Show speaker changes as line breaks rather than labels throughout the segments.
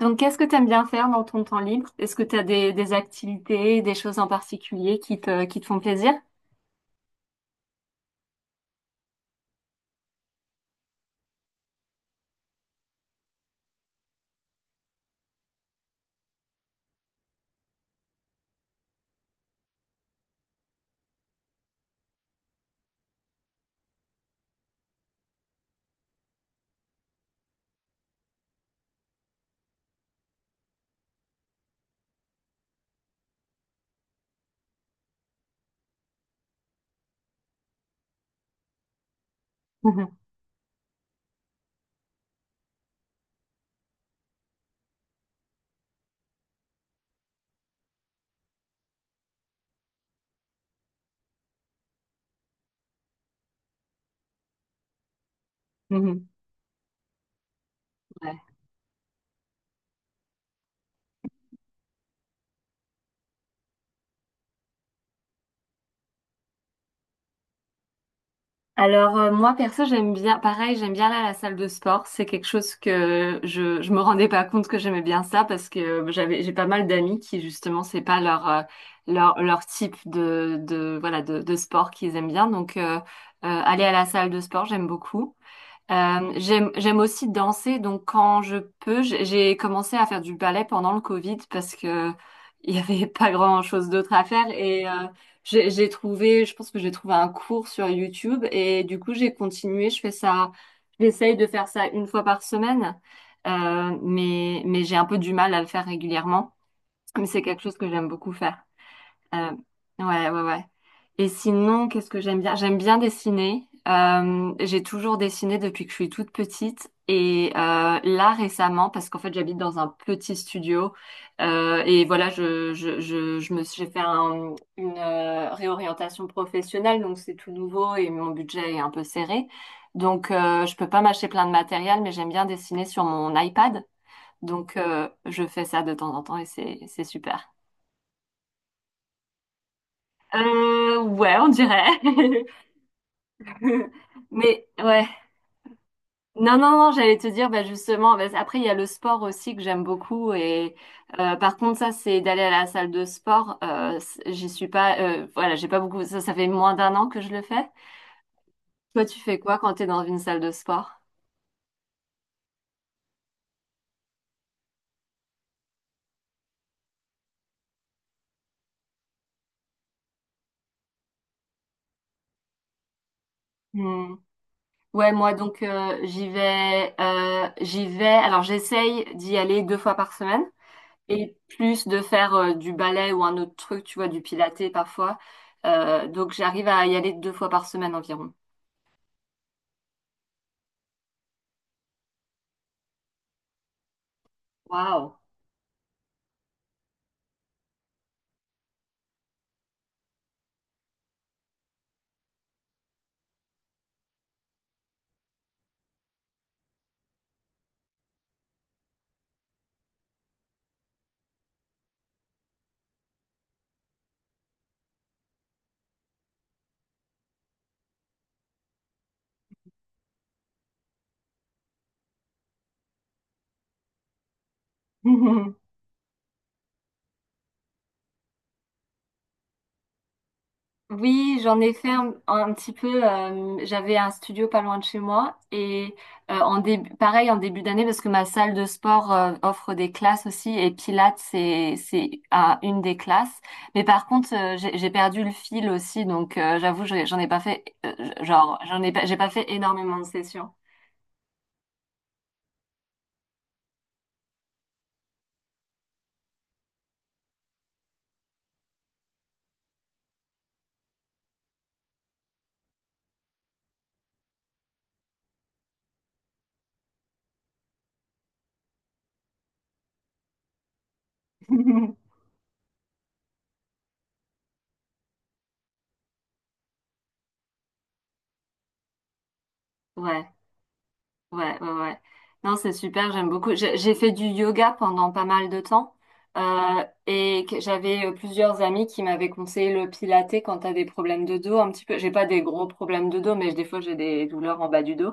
Donc, qu'est-ce que tu aimes bien faire dans ton temps libre? Est-ce que tu as des activités, des choses en particulier qui qui te font plaisir? Mhm. Mhm. Ouais. Alors, moi, perso, j'aime bien, pareil, j'aime bien là la salle de sport. C'est quelque chose que je me rendais pas compte que j'aimais bien ça parce que j'ai pas mal d'amis qui, justement, c'est pas leur type de voilà, de sport qu'ils aiment bien. Donc, aller à la salle de sport, j'aime beaucoup. J'aime aussi danser, donc quand je peux, j'ai commencé à faire du ballet pendant le Covid parce que il y avait pas grand-chose d'autre à faire et j'ai trouvé, je pense que j'ai trouvé un cours sur YouTube et du coup j'ai continué, je fais ça, j'essaye de faire ça une fois par semaine, mais j'ai un peu du mal à le faire régulièrement, mais c'est quelque chose que j'aime beaucoup faire. Euh, ouais, ouais, ouais. Et sinon, qu'est-ce que j'aime bien? J'aime bien dessiner. J'ai toujours dessiné depuis que je suis toute petite. Et là, récemment, parce qu'en fait, j'habite dans un petit studio. Et voilà, j'ai fait une réorientation professionnelle. Donc, c'est tout nouveau et mon budget est un peu serré. Donc, je peux pas m'acheter plein de matériel, mais j'aime bien dessiner sur mon iPad. Donc, je fais ça de temps en temps et c'est super. Ouais, on dirait. Mais ouais. Non, non, non, j'allais te dire, bah, justement, bah, après, il y a le sport aussi que j'aime beaucoup. Et par contre, ça, c'est d'aller à la salle de sport. J'y suis pas, voilà, j'ai pas beaucoup. Ça fait moins d'un an que je le fais. Toi, tu fais quoi quand tu es dans une salle de sport? Hmm. Ouais, moi, donc, j'y vais. Alors, j'essaye d'y aller deux fois par semaine. Et plus de faire du ballet ou un autre truc, tu vois, du pilates parfois. Donc j'arrive à y aller deux fois par semaine environ. Waouh. Oui, j'en ai fait un petit peu. J'avais un studio pas loin de chez moi et en début, pareil en début d'année parce que ma salle de sport offre des classes aussi et Pilates c'est une des classes. Mais par contre j'ai perdu le fil aussi donc j'avoue j'en ai pas fait genre j'ai pas fait énormément de sessions. Ouais. Ouais, ouais, ouais. Non, c'est super, j'aime beaucoup. J'ai fait du yoga pendant pas mal de temps et j'avais plusieurs amis qui m'avaient conseillé le pilates quand t'as des problèmes de dos un petit peu. J'ai pas des gros problèmes de dos, mais des fois j'ai des douleurs en bas du dos.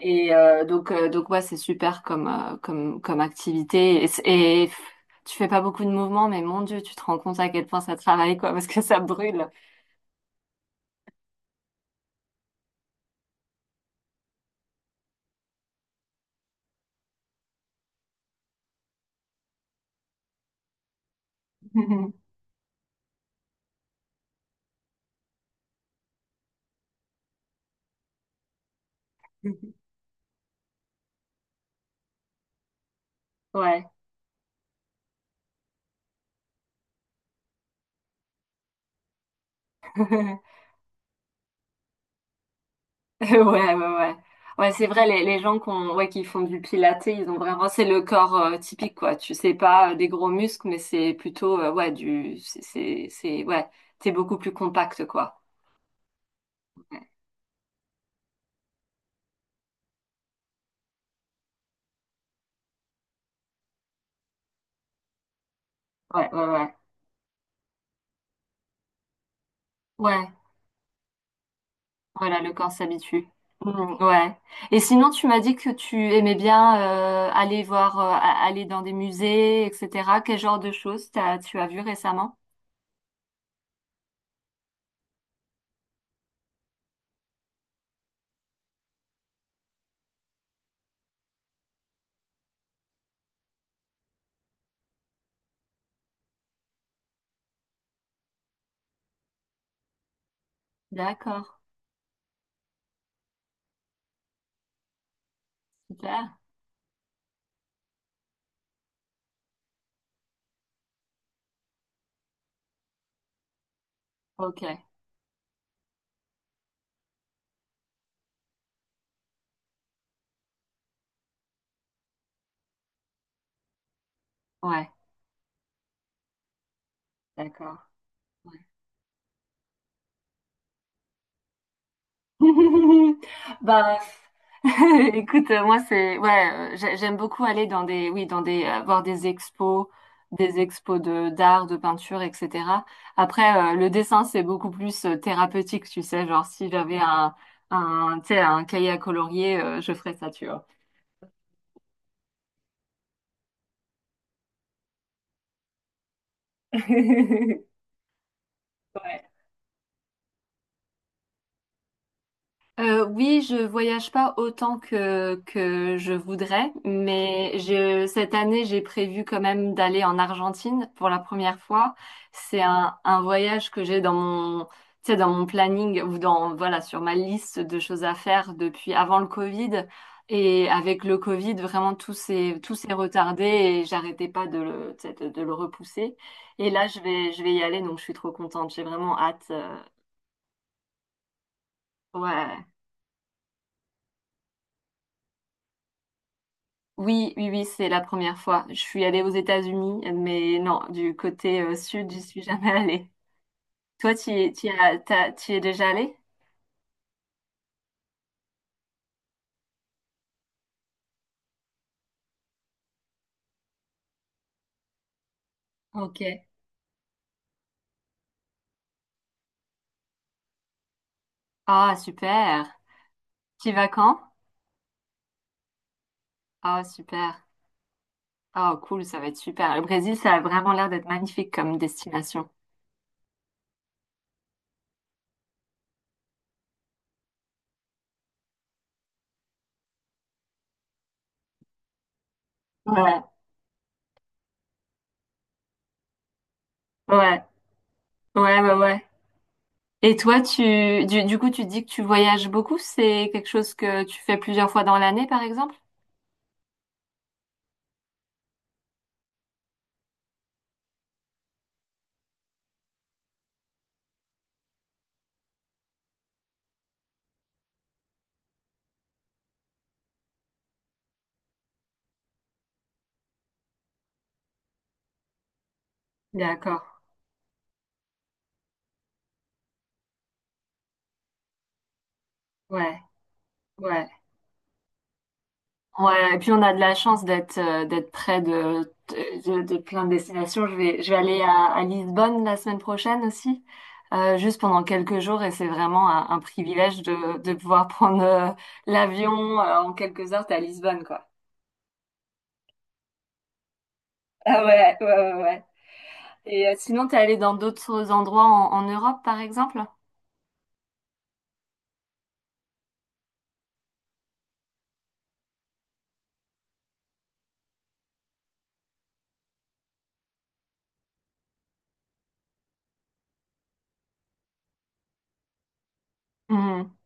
Et donc ouais, c'est super comme activité. Tu fais pas beaucoup de mouvements, mais mon Dieu, tu te rends compte à quel point ça travaille, quoi, parce que ça brûle. Ouais. Ouais, ouais, ouais. Ouais, c'est vrai, les gens qui font du pilates, ils ont vraiment, c'est le corps typique, quoi. Tu sais pas des gros muscles, mais c'est plutôt, ouais, du, c'est- ouais, t'es beaucoup plus compact, quoi. Ouais, ouais, ouais. Ouais, voilà, le corps s'habitue. Mm, ouais. Et sinon, tu m'as dit que tu aimais bien aller voir, aller dans des musées, etc. Quel genre de choses tu as vu récemment? D'accord, super. Ok, ouais, d'accord. Ouais. Bah, écoute, moi c'est ouais, j'aime beaucoup aller dans des oui dans des voir des expos de d'art, de peinture, etc. Après, le dessin c'est beaucoup plus thérapeutique, tu sais, genre si j'avais un tu sais un cahier à colorier, je ferais ça, tu vois. Ouais. Oui, je voyage pas autant que je voudrais, mais je cette année j'ai prévu quand même d'aller en Argentine pour la première fois. C'est un voyage que j'ai dans mon tu sais dans mon planning ou dans voilà sur ma liste de choses à faire depuis avant le Covid et avec le Covid vraiment tout s'est retardé et j'arrêtais pas de le tu sais, de le repousser. Et là je vais y aller donc je suis trop contente. J'ai vraiment hâte. Ouais. Oui, oui, oui, c'est la première fois. Je suis allée aux États-Unis, mais non, du côté sud, j'y suis jamais allée. Toi, tu y es déjà allée? Ok. Ah, super. Tu y vas quand? Ah, super. Ah, cool, ça va être super. Le Brésil, ça a vraiment l'air d'être magnifique comme destination. Ouais, ouais, ouais, ouais, ouais. Et toi, tu, du coup, tu dis que tu voyages beaucoup. C'est quelque chose que tu fais plusieurs fois dans l'année, par exemple? D'accord. Ouais, ouais. Ouais, et puis on a de la chance d'être d'être près de plein de destinations. Je vais aller à Lisbonne la semaine prochaine aussi, juste pendant quelques jours, et c'est vraiment un privilège de pouvoir prendre l'avion en quelques heures, t'es à Lisbonne, quoi. Ah ouais, ouais, ouais, ouais. Et sinon, t'es allé dans d'autres endroits en Europe, par exemple? Mhm.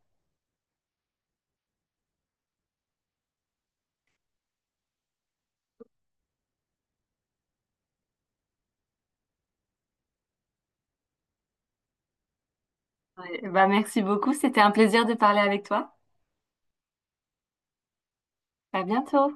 Ouais, bah merci beaucoup, c'était un plaisir de parler avec toi. À bientôt.